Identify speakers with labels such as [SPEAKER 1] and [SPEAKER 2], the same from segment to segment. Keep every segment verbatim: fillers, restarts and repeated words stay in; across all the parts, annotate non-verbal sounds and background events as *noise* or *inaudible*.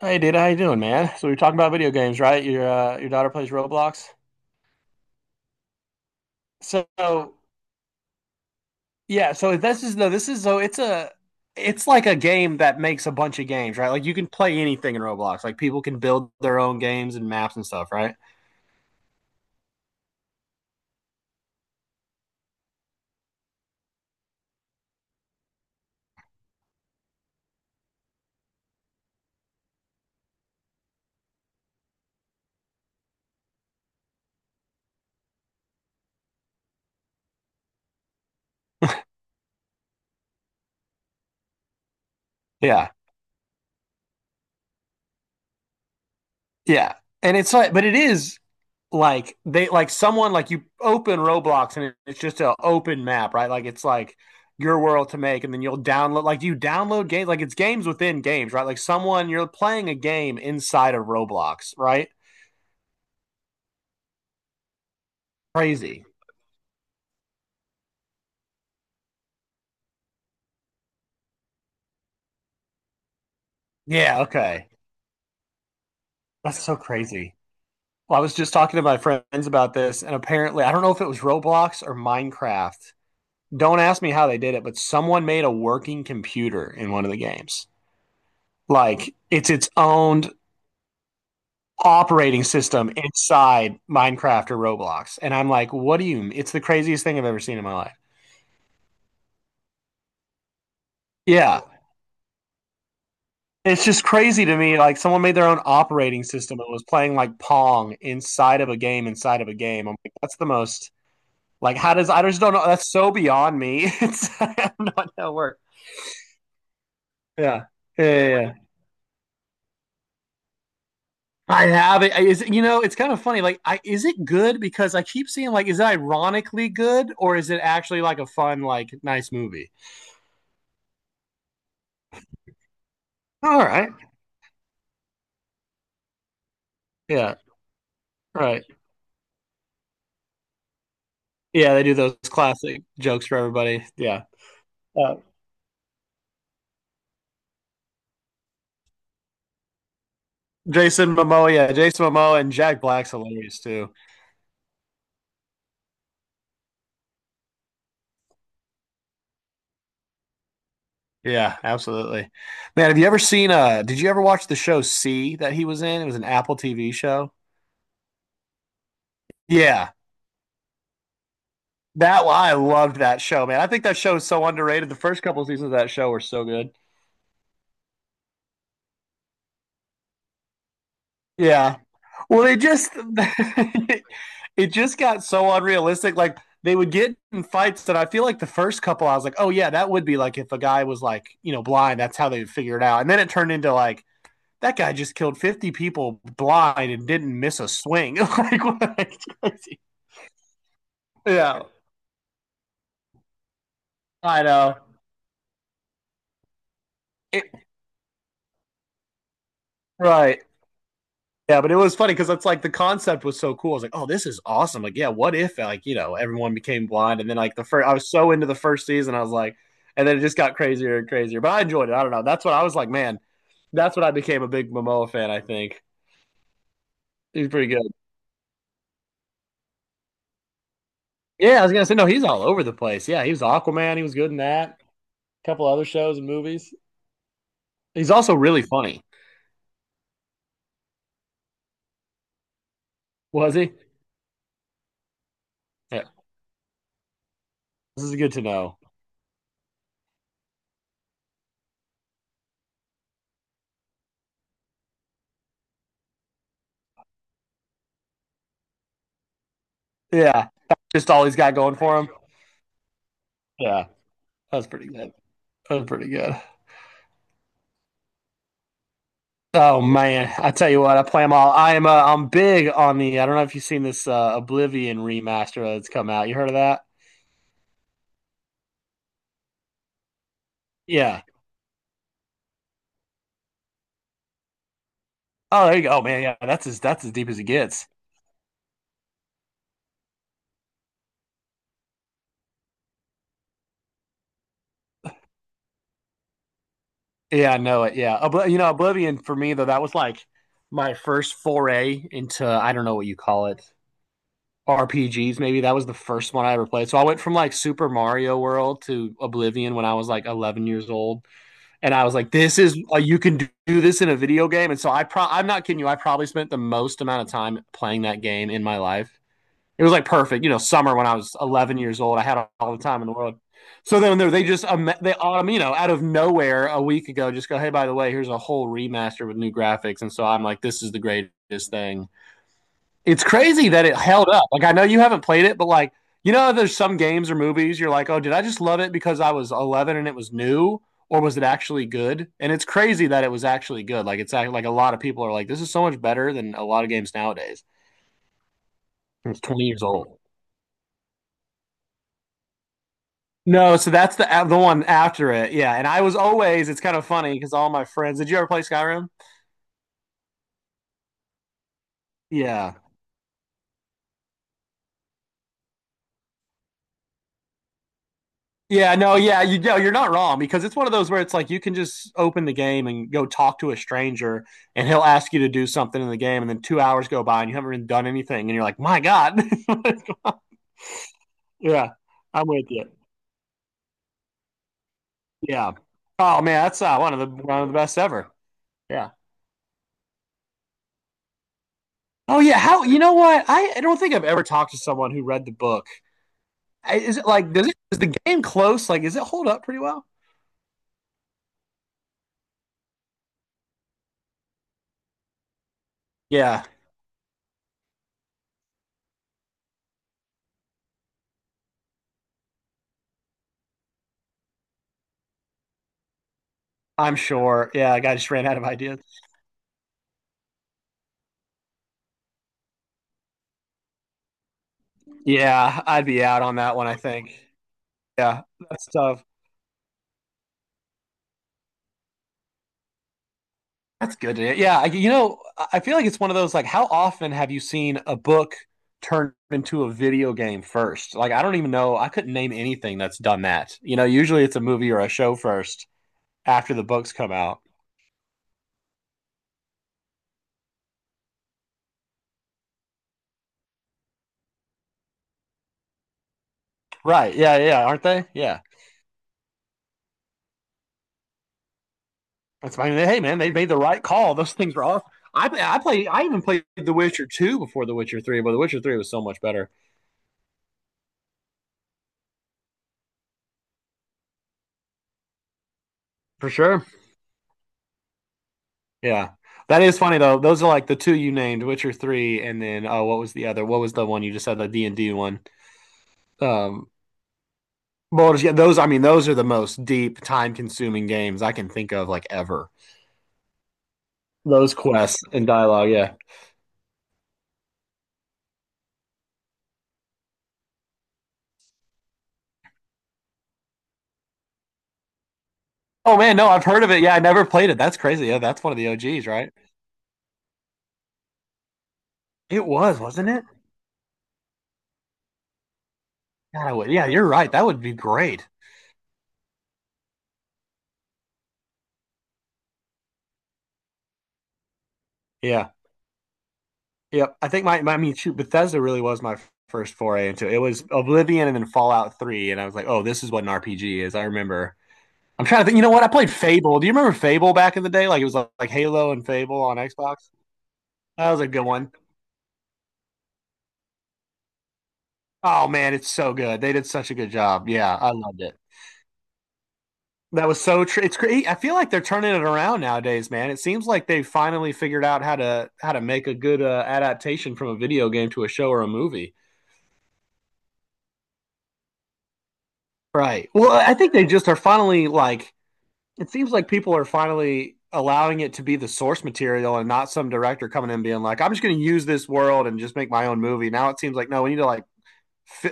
[SPEAKER 1] Hey, Data, how you doing, man? So we are talking about video games, right? Your uh, your daughter plays Roblox. So yeah, so this is no, this is so it's a it's like a game that makes a bunch of games, right? Like you can play anything in Roblox. Like people can build their own games and maps and stuff, right? Yeah, yeah, and it's like, but it is. Like they like someone like you open Roblox and it, it's just an open map, right? Like it's like your world to make, and then you'll download like you download games, like it's games within games, right? Like someone you're playing a game inside of Roblox, right? Crazy. Yeah, okay. That's so crazy. Well, I was just talking to my friends about this, and apparently, I don't know if it was Roblox or Minecraft. Don't ask me how they did it, but someone made a working computer in one of the games. Like it's its own operating system inside Minecraft or Roblox. And I'm like, what do you mean? It's the craziest thing I've ever seen in my life. Yeah. It's just crazy to me. Like someone made their own operating system and was playing like Pong inside of a game inside of a game. I'm like, that's the most like how does I just don't know that's so beyond me. *laughs* It's I'm not that work. Yeah. Yeah, yeah, yeah. I have it. Is it, you know, it's kind of funny. Like, I is it good? Because I keep seeing like, is it ironically good or is it actually like a fun, like nice movie? All right. Yeah. Right. Yeah, they do those classic jokes for everybody. Yeah. Uh, Jason Momoa, yeah, Jason Momoa and Jack Black's hilarious too. Yeah, absolutely. Man, have you ever seen uh did you ever watch the show C that he was in? It was an Apple T V show. Yeah. That I loved that show, man. I think that show is so underrated. The first couple of seasons of that show were so good. Yeah. Well, they just *laughs* it just got so unrealistic. Like they would get in fights that I feel like the first couple, I was like, oh yeah, that would be like if a guy was like you know blind, that's how they would figure it out. And then it turned into like that guy just killed fifty people blind and didn't miss a swing. *laughs* Like, what? *laughs* Yeah, I know. It, right. Yeah, but it was funny because it's like the concept was so cool. I was like, oh, this is awesome. Like, yeah, what if like, you know, everyone became blind and then like the first I was so into the first season, I was like, and then it just got crazier and crazier. But I enjoyed it. I don't know. That's what I was like, man, that's what I became a big Momoa fan, I think. He's pretty good. Yeah, I was gonna say, no, he's all over the place. Yeah, he was Aquaman, he was good in that. A couple other shows and movies. He's also really funny. Was he? Yeah. This is good to know. Yeah. That's just all he's got going for him. Yeah. That's pretty good. That's pretty good. Oh man, I tell you what, I play them all. I'm uh, I'm big on the. I don't know if you've seen this uh, Oblivion remaster that's come out. You heard of that? Yeah. Oh, there you go, Oh, man. Yeah, that's as that's as deep as it gets. Yeah, I know it. Yeah, Obl- you know Oblivion for me though, that was like my first foray into I don't know what you call it R P Gs. Maybe that was the first one I ever played. So I went from like Super Mario World to Oblivion when I was like eleven years old. And I was like, "This is uh, you can do, this in a video game." And so I pro- I'm not kidding you. I probably spent the most amount of time playing that game in my life. It was like perfect, you know, summer when I was eleven years old. I had all the time in the world. So then they- they just um, they um, you know out of nowhere a week ago just go, "Hey, by the way, here's a whole remaster with new graphics." And so I'm like, "This is the greatest thing." It's crazy that it held up. Like I know you haven't played it, but like you know, there's some games or movies you're like, oh, did I just love it because I was eleven and it was new, or was it actually good? And it's crazy that it was actually good. Like it's like a lot of people are like, this is so much better than a lot of games nowadays. It's twenty years old. No, so that's the the one after it. Yeah, and I was always. It's kind of funny because all my friends. Did you ever play Skyrim? Yeah. Yeah, no, yeah, you know you're not wrong because it's one of those where it's like you can just open the game and go talk to a stranger and he'll ask you to do something in the game and then two hours go by and you haven't even done anything and you're like, my God. *laughs* Yeah, I'm with you. Yeah. Oh man, that's uh, one of the one of the best ever. Yeah. Oh yeah, how you know what? I, I don't think I've ever talked to someone who read the book. I- Is it like does it is the game close? Like, is it hold up pretty well? Yeah, I'm sure. Yeah, I just ran out of ideas. Yeah, I'd be out on that one, I think. Yeah, that's tough. That's good. To- hear. Yeah, I, you know, I I feel like it's one of those like, how often have you seen a book turned into a video game first? Like, I don't even know. I couldn't name anything that's done that. You know, usually it's a movie or a show first after the books come out. Right? Yeah, yeah, aren't they? Yeah. That's I mean, hey man, they made the right call. Those things were off. I I play. I even played The Witcher two before The Witcher three, but The Witcher three was so much better for sure. Yeah. That is funny though. Those are like the two you named, Witcher three and then oh what was the other? What was the one you just said the D and D one? Um Baldur's yeah, those I mean those are the most deep time-consuming games I can think of like ever. Those quests and dialogue, yeah. Oh man, no, I've heard of it. Yeah, I never played it. That's crazy. Yeah, that's one of the O Gs, right? It was, wasn't it? God, I would, yeah, you're right. That would be great. Yeah. Yep. I think my, my I mean shoot, Bethesda really was my first foray into it. It was Oblivion and then Fallout three and I was like, "Oh, this is what an R P G is." I remember I'm trying to think. You know what? I played Fable. Do you remember Fable back in the day? Like it was like, like Halo and Fable on Xbox. That was a good one. Oh man, it's so good. They did such a good job. Yeah, I loved it. That was so true. It's great. I feel like they're turning it around nowadays, man. It seems like they finally figured out how to how to make a good uh, adaptation from a video game to a show or a movie. Right. Well, I think they just are finally like it seems like people are finally allowing it to be the source material and not some director coming in being like, I'm just going to use this world and just make my own movie. Now it seems like, no, we need to like,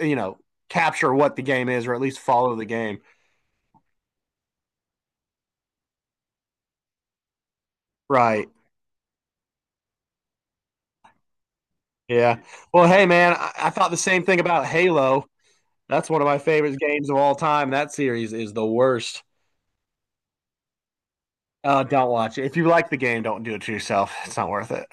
[SPEAKER 1] you know, capture what the game is or at least follow the game. Right. Yeah. Well, hey, man, I, I thought the same thing about Halo. That's one of my favorite games of all time. That series is the worst. Uh, don't watch it. If you like the game, don't do it to yourself. It's not worth it.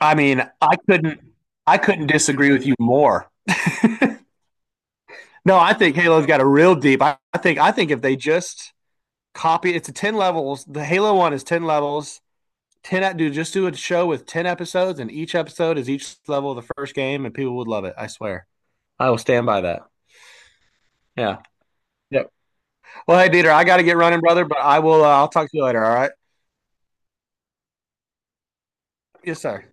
[SPEAKER 1] I mean, I couldn't. I couldn't disagree with you more. *laughs* No, I think Halo's got a real deep. I, I think I think if they just copy, it's a ten levels. The Halo one is ten levels. Ten ep- do just do a show with ten episodes, and each episode is each level of the first game, and people would love it. I swear. I will stand by that. Yeah. Yep. Well, hey Dieter, I got to get running, brother, but I will. Uh, I'll talk to you later. All right. Yes, sir.